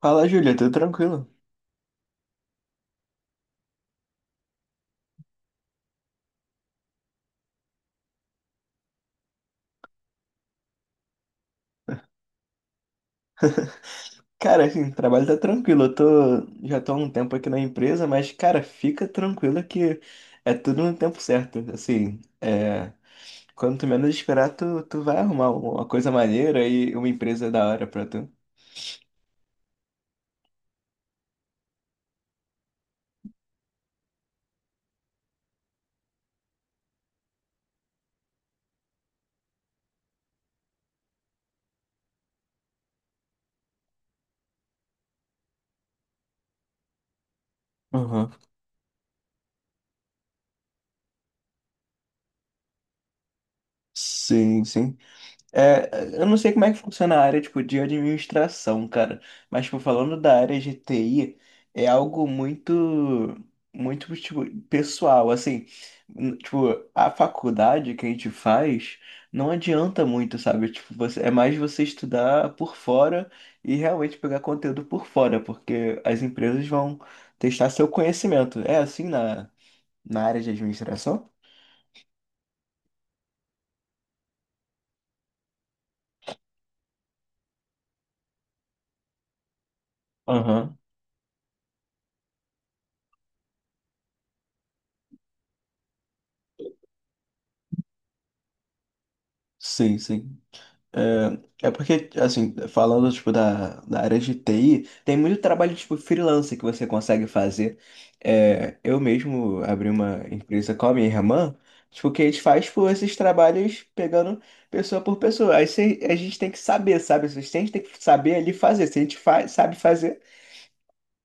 Fala, Júlia, tudo tranquilo? Cara, assim, o trabalho tá tranquilo. Já tô há um tempo aqui na empresa, mas, cara, fica tranquila que é tudo no tempo certo. Assim, é, quando tu menos esperar, tu vai arrumar uma coisa maneira e uma empresa da hora pra tu. Aham. Sim, sim. É, eu não sei como é que funciona a área, tipo, de administração, cara. Mas, tipo, falando da área de TI, é algo muito, muito, tipo, pessoal, assim. Tipo, a faculdade que a gente faz não adianta muito, sabe? Tipo, você, é mais você estudar por fora e realmente pegar conteúdo por fora, porque as empresas vão testar seu conhecimento. É assim na área de administração? Aham. Sim, sim. É, é porque, assim, falando, tipo, da área de TI, tem muito trabalho, tipo, freelancer que você consegue fazer. É, eu mesmo abri uma empresa com a minha irmã, tipo, que a gente faz, tipo, esses trabalhos pegando pessoa por pessoa. Aí a gente tem que saber, sabe? A gente tem que saber ali fazer. Se a gente fa sabe fazer,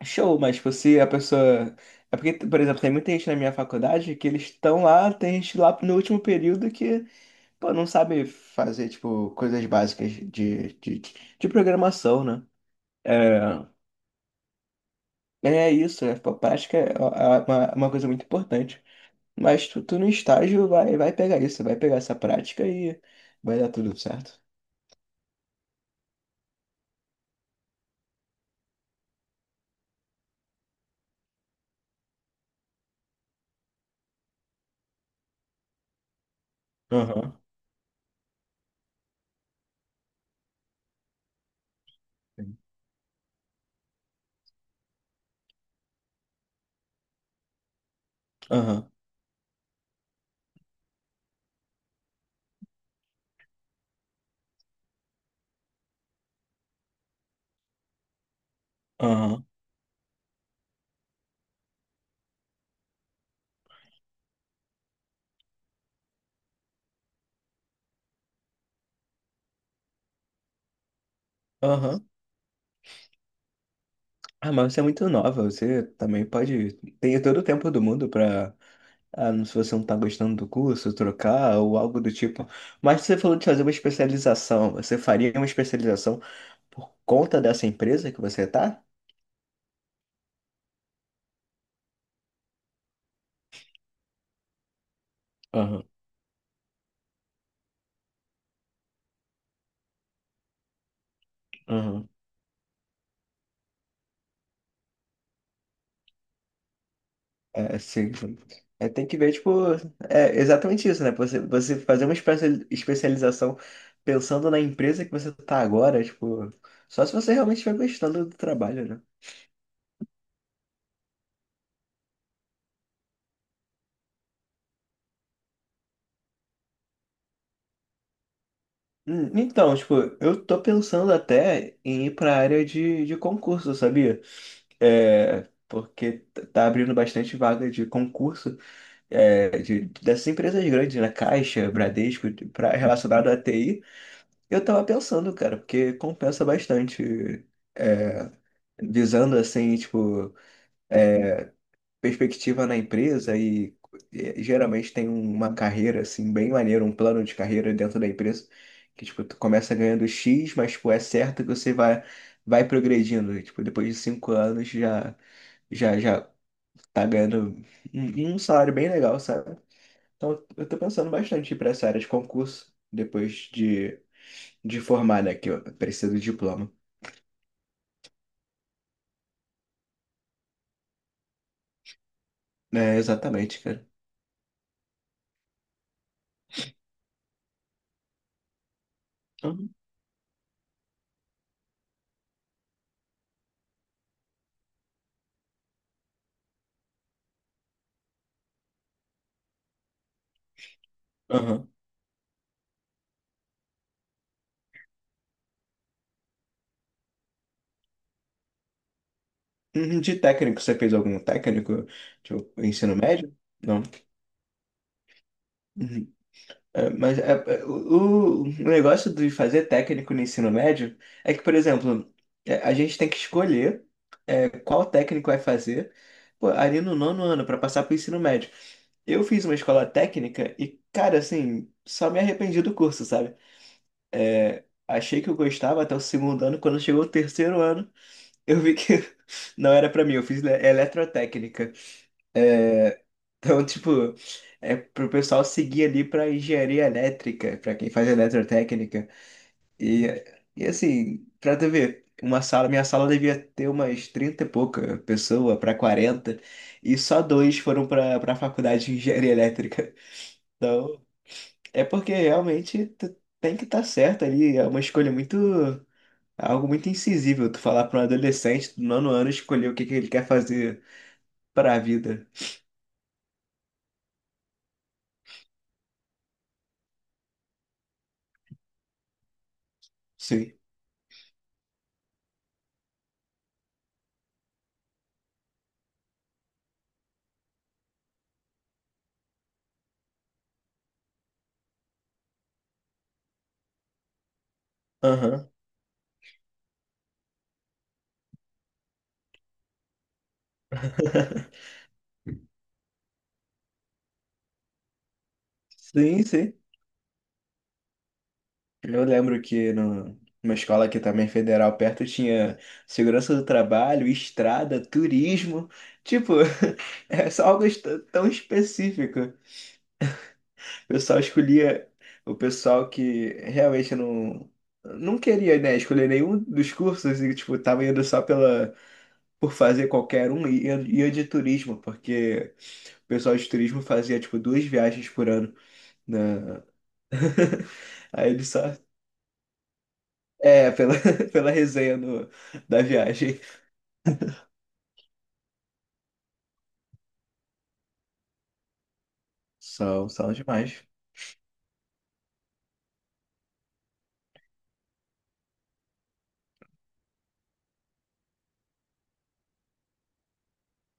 show. Mas, tipo, se a pessoa... É porque, por exemplo, tem muita gente na minha faculdade que eles estão lá, tem gente lá no último período. Pô, não sabe fazer, tipo, coisas básicas de programação, né? É, isso. É, pô, prática é uma coisa muito importante. Mas tu no estágio vai pegar isso, vai pegar essa prática e vai dar tudo certo. Aham. Sim. Aham, aham, aham. Ah, mas você é muito nova, você também pode. Tem todo o tempo do mundo pra. Ah, se você não tá gostando do curso, trocar ou algo do tipo. Mas você falou de fazer uma especialização. Você faria uma especialização por conta dessa empresa que você tá? Aham, aham. É, sim, é, tem que ver, tipo, é exatamente isso, né? Você fazer uma especialização pensando na empresa que você tá agora, tipo, só se você realmente estiver gostando do trabalho, né? Então, tipo, eu tô pensando até em ir pra área de concurso, sabia? É, porque tá abrindo bastante vaga de concurso, dessas empresas grandes, né? Caixa, Bradesco, pra, relacionado à TI. Eu tava pensando, cara, porque compensa bastante, é, visando assim, tipo, perspectiva na empresa e geralmente tem uma carreira assim bem maneira, um plano de carreira dentro da empresa que, tipo, tu começa ganhando X, mas, tipo, é certo que você vai progredindo. E, tipo, depois de 5 anos já tá ganhando um salário bem legal, sabe? Então eu tô pensando bastante para essa área de concurso depois de formar, né, que eu preciso de diploma. É, exatamente, cara. Aham. Aham. Uhum. De técnico, você fez algum técnico? Tipo, ensino médio? Não. Uhum. É, mas é, é, o, o negócio de fazer técnico no ensino médio é que, por exemplo, é, a gente tem que escolher qual técnico vai fazer, pô, ali no nono ano para passar para o ensino médio. Eu fiz uma escola técnica e, cara, assim, só me arrependi do curso, sabe? É, achei que eu gostava até o segundo ano. Quando chegou o terceiro ano, eu vi que não era pra mim. Eu fiz eletrotécnica. É, então, tipo, é pro pessoal seguir ali pra engenharia elétrica, pra quem faz eletrotécnica. E, e assim, pra tu ver, uma sala, minha sala devia ter umas 30 e pouca pessoa pra 40, e só dois foram pra faculdade de engenharia elétrica. Então, é porque realmente tu tem que estar certo ali, é uma escolha muito. É algo muito insensível tu falar para um adolescente do nono ano escolher o que que ele quer fazer para a vida. Sim. Aham. Sim, sim. Eu lembro que no, numa escola aqui também federal perto tinha segurança do trabalho, estrada, turismo. Tipo, é só algo tão específico. Pessoal escolhia o pessoal que realmente não, não queria, né, escolher nenhum dos cursos e, tipo, tava indo só pela, por fazer qualquer um. E eu ia de turismo, porque o pessoal de turismo fazia tipo duas viagens por ano na Aí ele só é pela, pela resenha da viagem. São demais.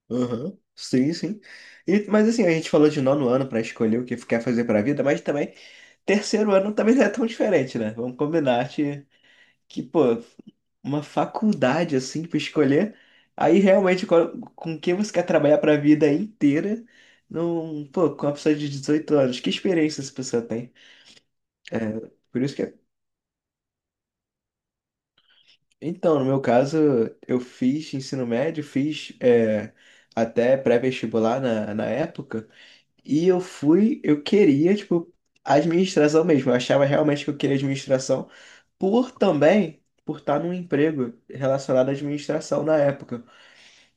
Uhum. Sim, sim. E, mas assim, a gente falou de nono ano para escolher o que quer fazer para a vida, mas também terceiro ano também não é tão diferente, né? Vamos combinar que, pô, uma faculdade assim pra escolher. Aí realmente com quem você quer trabalhar pra vida inteira. Não, pô, com uma pessoa de 18 anos, que experiência essa pessoa tem? É, por isso que é- Então, no meu caso, eu fiz ensino médio, fiz até pré-vestibular na época, e eu queria, tipo, administração mesmo. Eu achava realmente que eu queria administração, por também por estar num emprego relacionado à administração na época.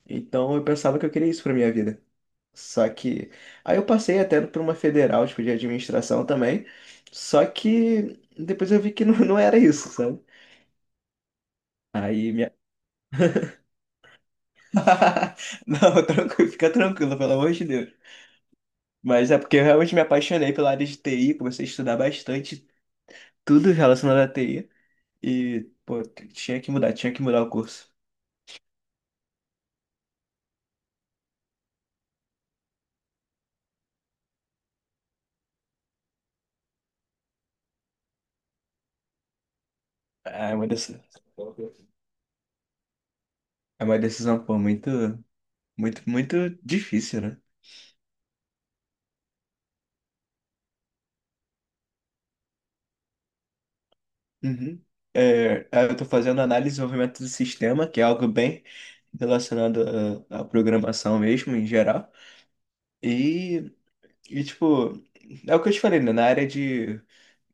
Então eu pensava que eu queria isso pra minha vida. Só que. Aí eu passei até por uma federal, tipo, de administração também. Só que depois eu vi que não, não era isso, sabe? Aí minha. Não, tranquilo, fica tranquilo, pelo amor de Deus. Mas é porque eu realmente me apaixonei pela área de TI, comecei a estudar bastante tudo relacionado à TI. E, pô, tinha que mudar o curso. É uma decisão, é uma decisão, pô, muito, muito, muito difícil, né? Uhum. É, eu estou fazendo análise de desenvolvimento do sistema, que é algo bem relacionado à programação mesmo, em geral. E, e, tipo, é o que eu te falei, né? Na área de,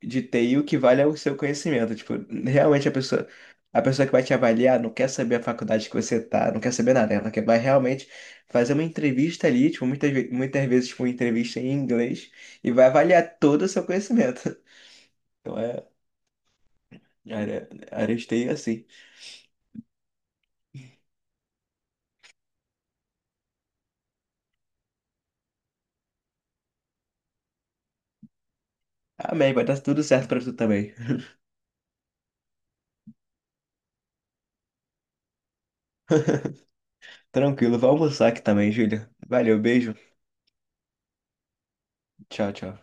de TI, o que vale é o seu conhecimento. Tipo, realmente a pessoa que vai te avaliar não quer saber a faculdade que você tá, não quer saber nada. Ela quer, vai realmente fazer uma entrevista ali, tipo, muitas, muitas vezes, tipo, uma entrevista em inglês, e vai avaliar todo o seu conhecimento. Então, é, a área de TI é assim. Amém, vai dar tudo certo pra tu também. Tranquilo, vou almoçar aqui também, Júlia. Valeu, beijo. Tchau, tchau.